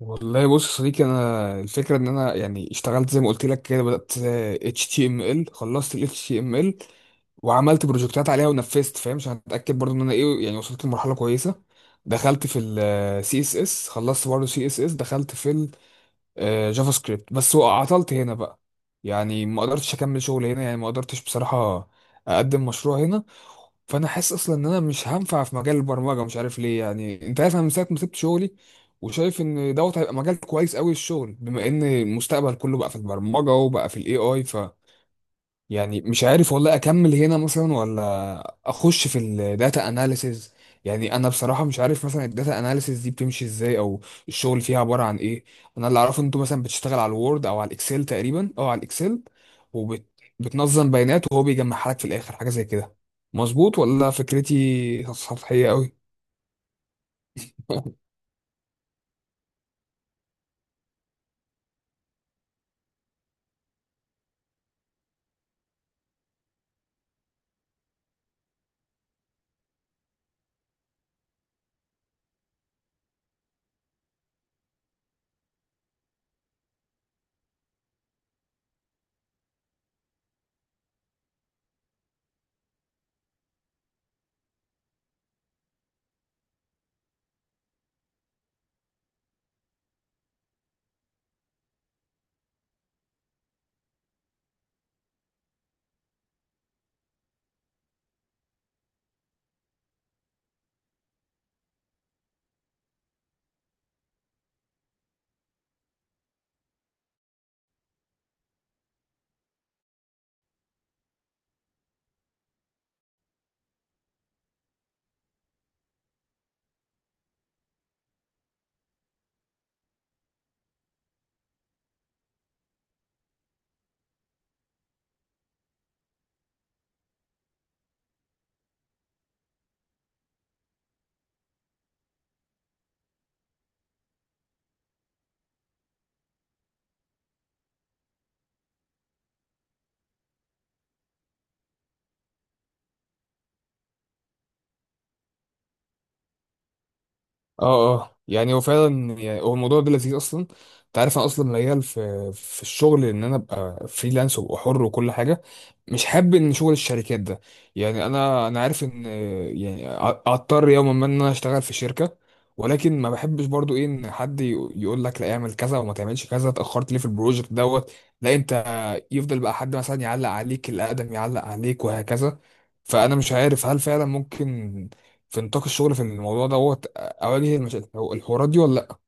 والله بص يا صديقي، انا الفكره ان انا يعني اشتغلت زي ما قلت لك كده، بدات اتش تي ام ال، خلصت ال اتش تي ام ال وعملت بروجكتات عليها ونفذت، فاهم؟ عشان اتاكد برضو ان انا ايه، يعني وصلت لمرحله كويسه. دخلت في السي اس اس، خلصت برضو سي اس اس، دخلت في جافا سكريبت، بس عطلت هنا بقى. يعني ما قدرتش اكمل شغل هنا، يعني ما قدرتش بصراحة اقدم مشروع هنا. فانا حاسس اصلا ان انا مش هنفع في مجال البرمجة، مش عارف ليه. يعني انت عارف انا من ساعة ما سبت شغلي وشايف ان دوت هيبقى مجال كويس قوي الشغل، بما ان المستقبل كله بقى في البرمجة وبقى في الاي اي. يعني مش عارف والله اكمل هنا مثلا ولا اخش في الداتا اناليسز. يعني انا بصراحه مش عارف مثلا الداتا اناليسز دي بتمشي ازاي، او الشغل فيها عباره عن ايه. انا اللي اعرفه إن انتوا مثلا بتشتغل على الوورد او على الاكسل تقريبا، او على الاكسل وبتنظم بيانات وهو بيجمعها لك في الاخر، حاجه زي كده. مظبوط ولا فكرتي سطحيه قوي؟ اه اه، يعني هو فعلا يعني هو الموضوع ده لذيذ اصلا. انت عارف انا اصلا ميال في الشغل ان انا ابقى فريلانس وابقى حر وكل حاجه. مش حابب ان شغل الشركات ده. يعني انا عارف ان، يعني هضطر يوما ما ان انا اشتغل في شركه، ولكن ما بحبش برضو ايه، ان حد يقول لك لا اعمل كذا وما تعملش كذا، اتاخرت ليه في البروجكت دوت. لا، انت يفضل بقى حد مثلا يعلق عليك، الاقدم يعلق عليك، وهكذا. فانا مش عارف هل فعلا ممكن في نطاق الشغل في الموضوع دوت اواجه المشاكل هو الحوارات دي ولا لا،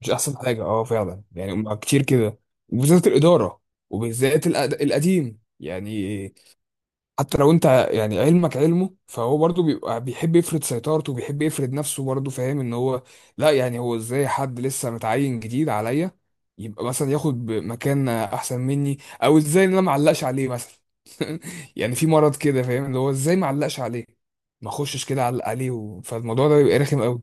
مش احسن حاجه؟ اه فعلا يعني، مع كتير كده. وبالذات الاداره، وبالذات القديم يعني. حتى لو انت يعني علمك علمه، فهو برضه بيبقى بيحب يفرض سيطرته وبيحب يفرض نفسه، برضه فاهم ان هو لا، يعني هو ازاي حد لسه متعين جديد عليا يبقى مثلا ياخد مكان احسن مني؟ او ازاي ان انا معلقش عليه مثلا؟ يعني في مرض كده، فاهم؟ اللي هو ازاي معلقش عليه، ما اخشش كده علق عليه فالموضوع ده بيبقى رخم قوي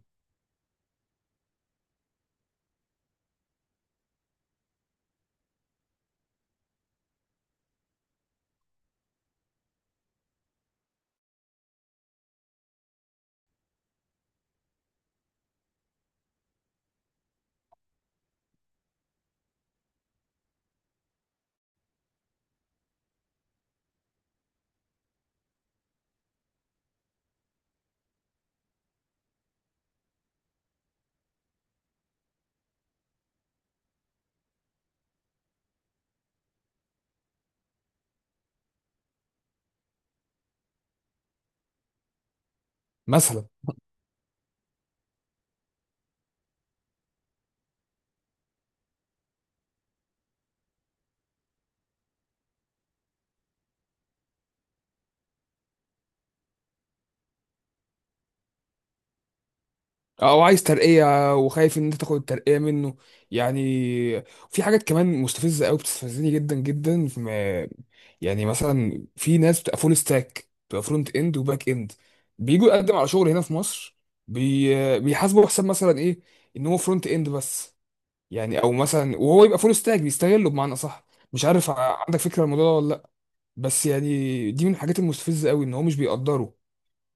مثلا. او عايز ترقيه وخايف ان انت تاخد الترقيه منه. يعني في حاجات كمان مستفزه قوي، بتستفزني جدا جدا في يعني مثلا في ناس بتبقى فول ستاك، بتبقى فرونت اند وباك اند، بيجوا يقدم على شغل هنا في مصر، بيحاسبوا حساب مثلا ايه ان هو فرونت اند بس يعني، او مثلا وهو يبقى فول ستاك بيستغله بمعنى صح. مش عارف عندك فكره عن الموضوع ده ولا لا؟ بس يعني دي من الحاجات المستفزه قوي ان هو مش بيقدره.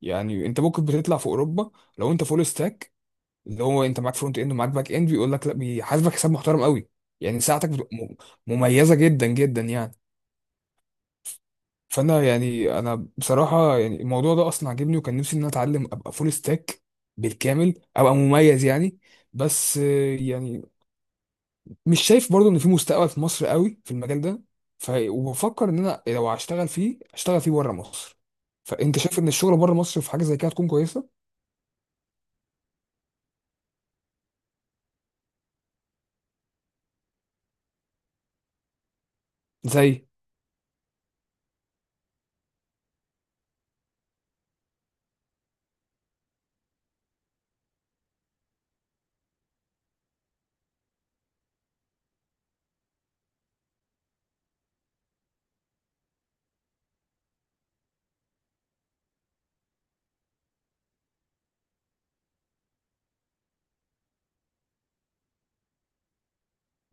يعني انت ممكن بتطلع في اوروبا، لو انت فول ستاك، اللي هو انت معاك فرونت اند ومعاك باك اند، بيقول لك لا، بيحاسبك حساب محترم قوي. يعني ساعتك بتبقى مميزه جدا جدا يعني. فانا يعني انا بصراحه يعني الموضوع ده اصلا عاجبني، وكان نفسي ان انا اتعلم ابقى فول ستاك بالكامل، ابقى مميز يعني. بس يعني مش شايف برضو ان في مستقبل في مصر قوي في المجال ده. وبفكر ان انا لو هشتغل فيه اشتغل فيه بره مصر. فانت شايف ان الشغل بره مصر في حاجه زي كده هتكون كويسه؟ زي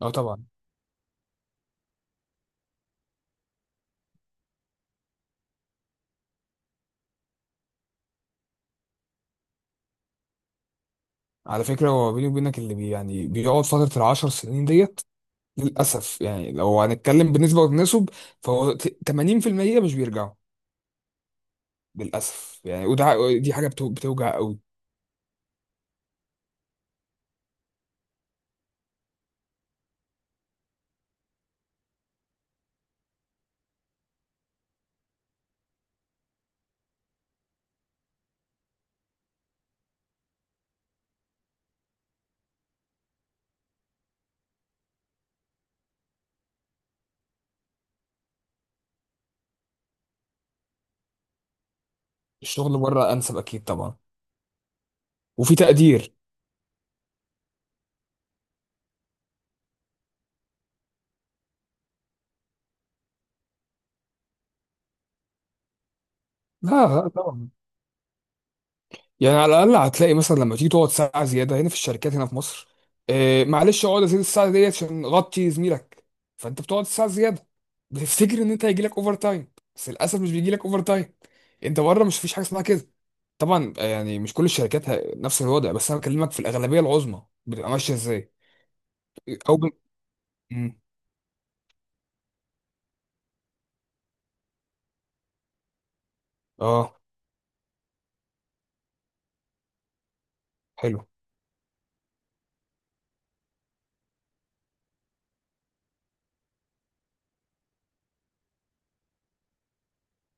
اه طبعا. على فكرة، هو بيني وبينك اللي بي يعني بيقعد فترة 10 سنين ديت للأسف يعني، لو هنتكلم بنسبة وتناسب، فهو 80% مش بيرجعوا، للأسف يعني. وده دي حاجة بتوجع قوي. الشغل بره أنسب أكيد طبعا، وفي تقدير. لا لا طبعا. يعني على الاقل هتلاقي مثلا لما تيجي تقعد ساعه زياده هنا في الشركات هنا في مصر، آه معلش اقعد ازيد الساعه ديت عشان غطي زميلك، فانت بتقعد ساعه زياده، بتفتكر ان انت هيجي لك اوفر تايم، بس للاسف مش بيجي لك اوفر تايم. انت بره مش فيش حاجه اسمها كده. طبعا يعني مش كل الشركات نفس الوضع، بس انا بكلمك في الاغلبيه العظمى بتبقى ماشيه ازاي. او مم. اه حلو.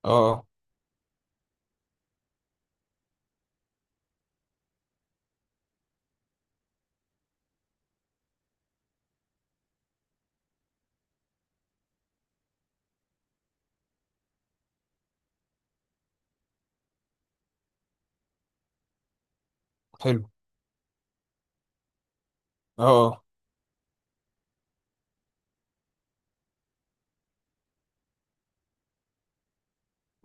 اه آه، حلو. اه آه.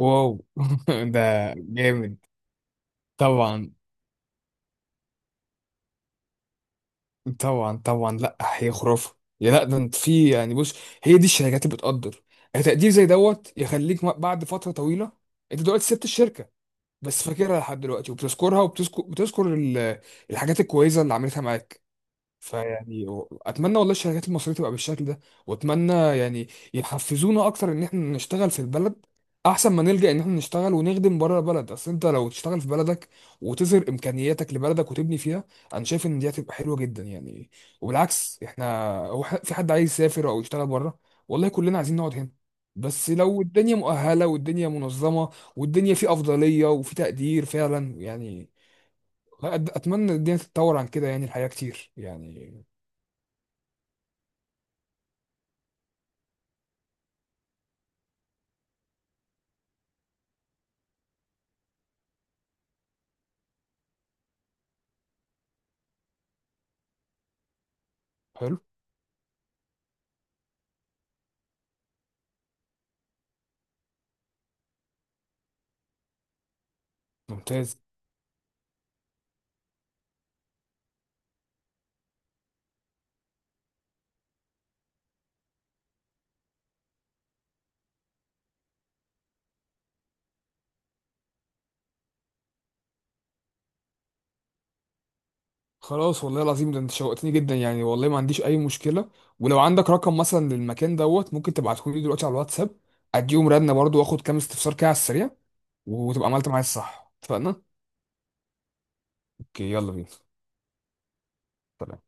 واو. ده جامد طبعا. طبعا طبعا، لا هي خرافه. يا لا ده انت في يعني، بص هي دي الشركات اللي بتقدر، تقدير زي دوت يخليك بعد فتره طويله. انت دلوقتي سبت الشركه بس فاكرها لحد دلوقتي، وبتذكرها وبتذكر الحاجات الكويسه اللي عملتها معاك. فيعني اتمنى والله الشركات المصريه تبقى بالشكل ده، واتمنى يعني يحفزونا اكتر ان احنا نشتغل في البلد، احسن ما نلجأ ان احنا نشتغل ونخدم بره البلد. اصل انت لو تشتغل في بلدك وتظهر امكانياتك لبلدك وتبني فيها، انا شايف ان دي هتبقى حلوه جدا يعني. وبالعكس احنا هو في حد عايز يسافر او يشتغل بره؟ والله كلنا عايزين نقعد هنا، بس لو الدنيا مؤهله والدنيا منظمه والدنيا في افضليه وفي تقدير فعلا يعني. اتمنى الدنيا تتطور عن كده، يعني الحياه كتير يعني. حلو. ممتاز. خلاص والله العظيم ده انت شوقتني جدا يعني، والله ما عنديش اي مشكله. ولو عندك رقم مثلا للمكان دوت، ممكن تبعته لي دلوقتي على الواتساب، اديهم رنه برضو، واخد كام استفسار كده على السريع. وتبقى عملت معايا الصح، اتفقنا؟ اوكي يلا بينا. سلام.